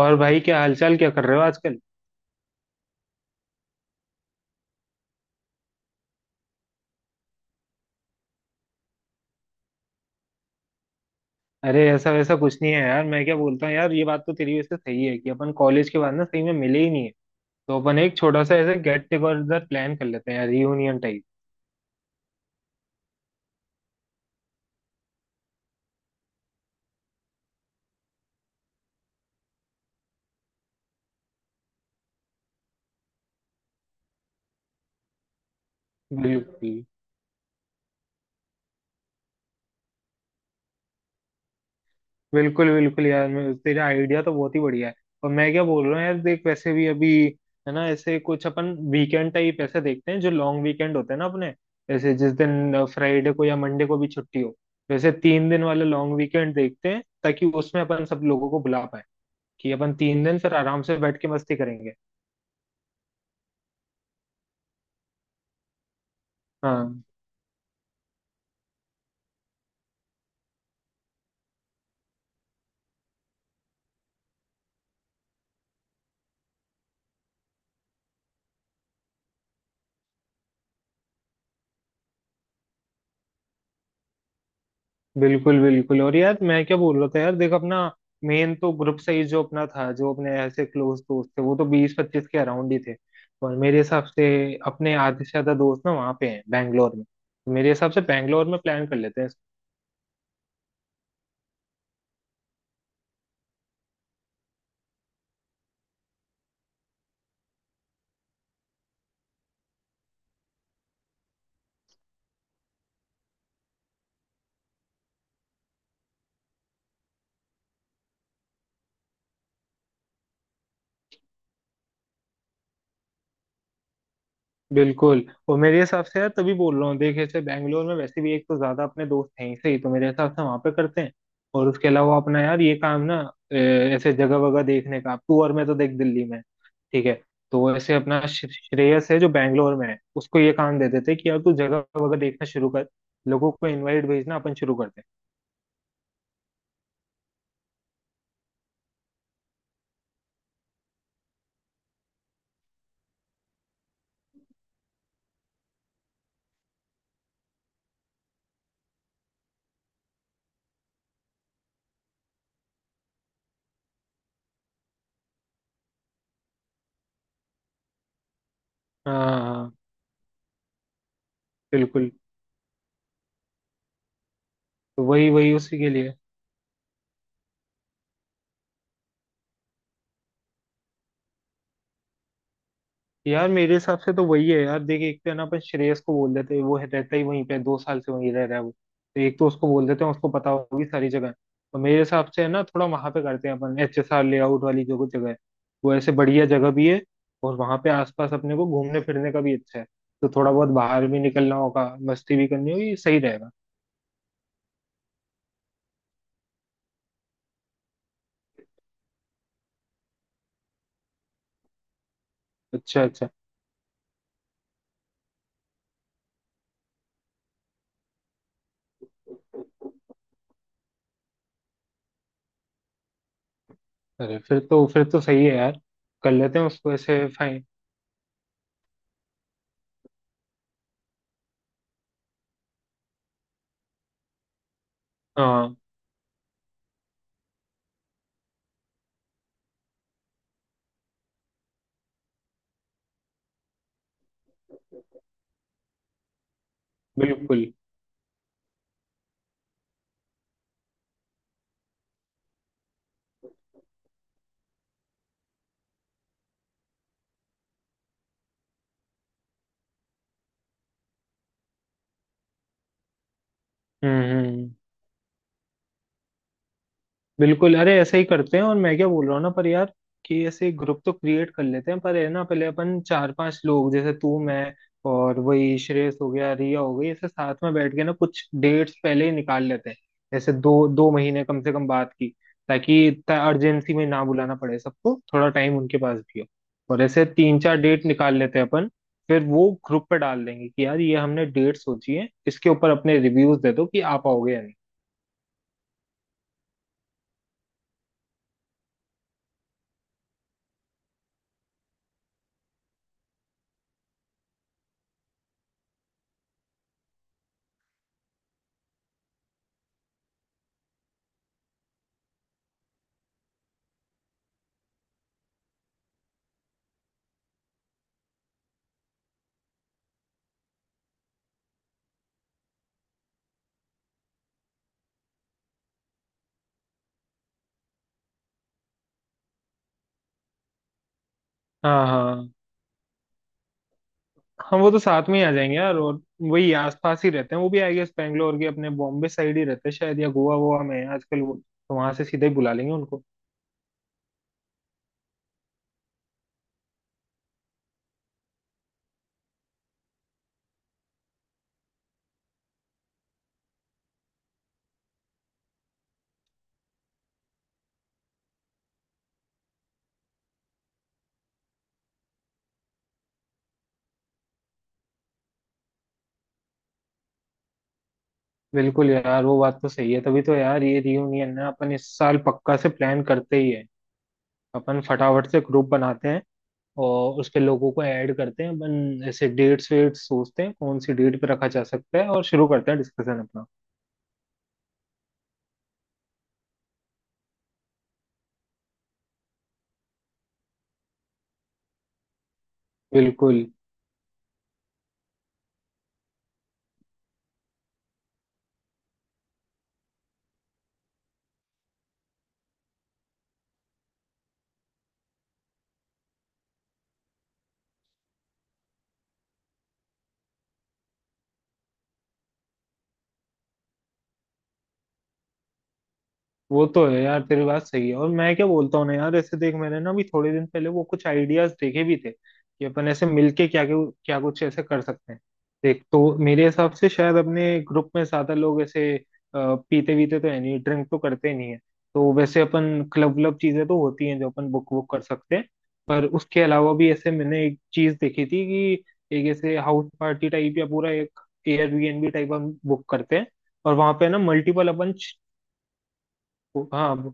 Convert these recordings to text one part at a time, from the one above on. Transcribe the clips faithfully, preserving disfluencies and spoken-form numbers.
और भाई, क्या हालचाल, क्या कर रहे हो आजकल। अरे ऐसा वैसा कुछ नहीं है यार। मैं क्या बोलता हूँ यार, ये बात तो तेरी वैसे सही है कि अपन कॉलेज के बाद ना सही में मिले ही नहीं है। तो अपन एक छोटा सा ऐसे गेट टुगेदर प्लान कर लेते हैं यार, रियूनियन टाइप। बिल्कुल बिल्कुल बिल्कुल यार, मैं तेरा आइडिया तो बहुत ही बढ़िया है। और मैं क्या बोल रहा हूँ यार, देख वैसे भी अभी है ना, ऐसे कुछ अपन वीकेंड टाइप ऐसे देखते हैं, जो लॉन्ग वीकेंड होते हैं ना अपने, जैसे जिस दिन फ्राइडे को या मंडे को भी छुट्टी हो। वैसे तीन दिन वाले लॉन्ग वीकेंड देखते हैं, ताकि उसमें अपन सब लोगों को बुला पाए, कि अपन तीन दिन फिर आराम से बैठ के मस्ती करेंगे। हाँ, बिल्कुल बिल्कुल। और यार मैं क्या बोल रहा था यार, देख अपना मेन तो ग्रुप सही, जो अपना था, जो अपने ऐसे क्लोज दोस्त थे वो तो बीस पच्चीस के अराउंड ही थे। और मेरे हिसाब से अपने आधे से ज्यादा दोस्त ना वहाँ पे हैं बैंगलोर में, तो मेरे हिसाब से बैंगलोर में प्लान कर लेते हैं। बिल्कुल, और मेरे हिसाब से यार, तभी बोल रहा हूँ, देख ऐसे बैंगलोर में वैसे भी एक तो ज्यादा अपने दोस्त हैं ही, सही तो मेरे हिसाब से वहां पे करते हैं। और उसके अलावा अपना यार ये काम ना, अ, ऐसे जगह वगह देखने का, तू और मैं तो देख दिल्ली में है, ठीक है। तो ऐसे अपना श्रे- श्रेयस है, जो बैंगलोर में है, उसको ये काम दे देते कि यार तू जगह वगह देखना शुरू कर, लोगों को इनवाइट भेजना अपन शुरू करते हैं। हाँ हाँ, बिल्कुल। तो वही वही उसी के लिए। यार मेरे हिसाब से तो वही है यार, देख एक तो है ना, अपन श्रेयस को बोल देते हैं, वो है- रहता ही वहीं पे, दो साल से वहीं रह रहा है वो तो, एक तो उसको बोल देते हैं, उसको पता होगी सारी जगह। तो मेरे हिसाब से है ना, थोड़ा वहां पे करते हैं अपन, एच एस आर लेआउट वाली जो जगह है, वो ऐसे बढ़िया जगह भी है और वहां पे आसपास अपने को घूमने फिरने का भी अच्छा है। तो थोड़ा बहुत बाहर भी निकलना होगा, मस्ती भी करनी होगी, सही रहेगा। अच्छा अच्छा। अरे फिर तो फिर तो सही है यार, कर लेते हैं उसको ऐसे, फाइन। हाँ। बिल्कुल। हम्म हम्म हम्म। बिल्कुल, अरे ऐसे ही करते हैं। और मैं क्या बोल रहा हूँ ना पर यार, कि ऐसे ग्रुप तो क्रिएट कर लेते हैं, पर है ना, पहले अपन चार पांच लोग, जैसे तू मैं और वही श्रेयस हो गया, रिया हो गई, ऐसे साथ में बैठ के ना कुछ डेट्स पहले ही निकाल लेते हैं, जैसे दो दो महीने कम से कम बात की, ताकि इतना अर्जेंसी में ना बुलाना पड़े सबको, थोड़ा टाइम उनके पास भी हो। और ऐसे तीन चार डेट निकाल लेते हैं अपन, फिर वो ग्रुप पे डाल देंगे कि यार ये हमने डेट सोची है, इसके ऊपर अपने रिव्यूज दे दो कि आ पाओगे या नहीं। हाँ हाँ। हाँ, वो तो साथ में ही आ जाएंगे यार, और वही आसपास ही रहते हैं वो भी, आई गेस बैंगलोर के अपने बॉम्बे साइड ही रहते हैं शायद, या गोवा वोवा में हैं आजकल वो, तो वहां से सीधे ही बुला लेंगे उनको। बिल्कुल यार, वो बात तो सही है, तभी तो यार ये रियूनियन ना अपन इस साल पक्का से प्लान करते ही है। अपन फटाफट से ग्रुप बनाते हैं और उस पे लोगों को ऐड करते हैं अपन, ऐसे डेट्स वेट्स सोचते हैं कौन सी डेट पे रखा जा सकता है, और शुरू करते हैं डिस्कशन अपना। बिल्कुल। वो तो है यार, तेरी बात सही है। और मैं क्या बोलता हूँ ना यार, ऐसे देख मैंने ना अभी थोड़े दिन पहले वो कुछ आइडियाज देखे भी थे कि अपन ऐसे मिलके क्या क्या कुछ ऐसे कर सकते हैं। देख, तो मेरे हिसाब से शायद अपने ग्रुप में ज्यादा लोग ऐसे अ, पीते वीते तो है नहीं, ड्रिंक तो करते नहीं है। तो वैसे अपन क्लब व्लब चीजें तो होती हैं, जो अपन बुक वुक कर सकते हैं, पर उसके अलावा भी ऐसे मैंने एक चीज देखी थी कि एक ऐसे हाउस पार्टी टाइप या पूरा एक एयरबीएनबी टाइप हम बुक करते हैं, और वहां पे ना मल्टीपल अपन। हाँ,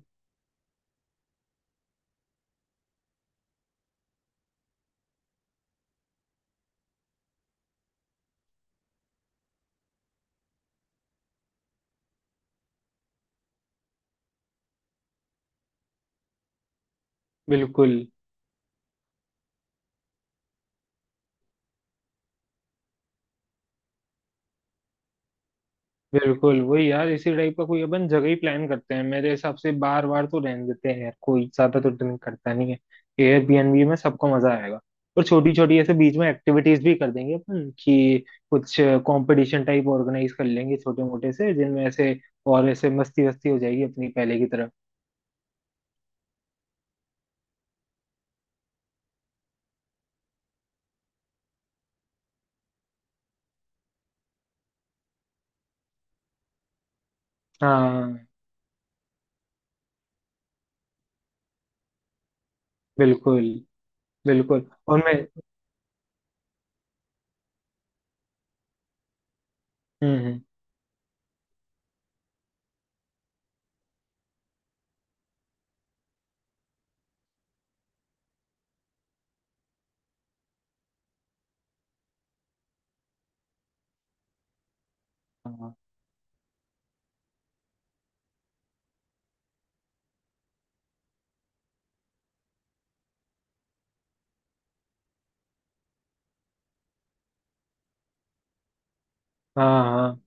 बिल्कुल। बिल्कुल वही यार, इसी टाइप का कोई अपन जगह ही प्लान करते हैं, मेरे हिसाब से बार बार तो रहने देते हैं यार, कोई ज्यादा तो ड्रिंक करता नहीं है। एयरबीएनबी में सबको मजा आएगा। और छोटी छोटी ऐसे बीच में एक्टिविटीज भी कर देंगे अपन, कि कुछ कंपटीशन टाइप ऑर्गेनाइज कर लेंगे छोटे मोटे से, जिनमें ऐसे और ऐसे मस्ती वस्ती हो जाएगी अपनी पहले की तरह। हाँ, बिल्कुल बिल्कुल। और मैं। हम्म हम्म। हाँ हाँ हाँ,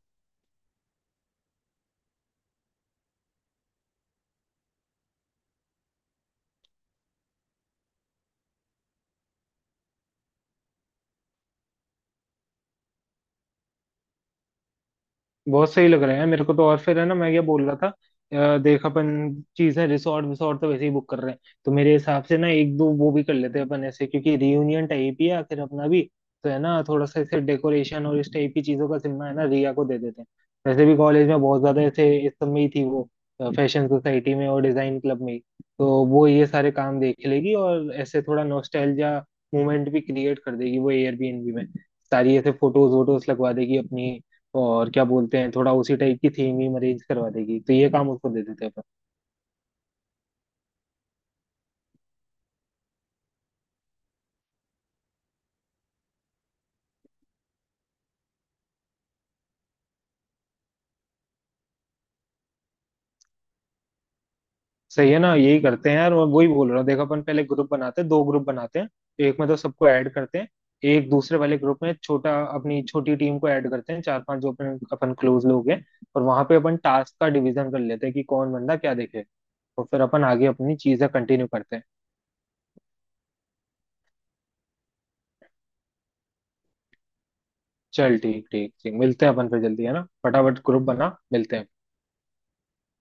बहुत सही लग रहे हैं मेरे को तो। और फिर है ना, मैं ये बोल रहा था, अ, देख अपन चीजें रिसोर्ट विसोर्ट तो वैसे ही बुक कर रहे हैं, तो मेरे हिसाब से ना एक दो वो भी कर लेते हैं अपन ऐसे, क्योंकि रियूनियन टाइप ही है आखिर अपना भी, तो है ना थोड़ा सा ऐसे डेकोरेशन और इस टाइप की चीजों का जिम्मा है ना रिया को दे देते हैं। वैसे भी कॉलेज में बहुत ज्यादा ऐसे इस सब में ही थी वो, फैशन सोसाइटी में और डिजाइन क्लब में ही। तो वो ये सारे काम देख लेगी, और ऐसे थोड़ा नॉस्टैल्जिया मोमेंट भी क्रिएट कर देगी वो एयरबीएनबी में, सारी ऐसे फोटोज वोटोज लगवा देगी अपनी, और क्या बोलते हैं थोड़ा उसी टाइप की थीम ही अरेंज करवा देगी, तो ये काम उसको दे देते हैं अपन। सही है ना, यही करते हैं यार, मैं वही बोल रहा हूँ, देख अपन पहले ग्रुप बनाते हैं, दो ग्रुप बनाते हैं। एक में तो सबको ऐड करते हैं, एक दूसरे वाले ग्रुप में छोटा अपनी छोटी टीम को ऐड करते हैं, चार पांच जो अपन अपन क्लोज लोग हैं। और वहां पे अपन टास्क का डिवीजन कर लेते हैं कि कौन बंदा क्या देखे, तो फिर अपन आगे अपनी चीजें कंटिन्यू करते हैं। चल ठीक ठीक ठीक, मिलते हैं अपन फिर जल्दी है ना, फटाफट ग्रुप बना, मिलते हैं।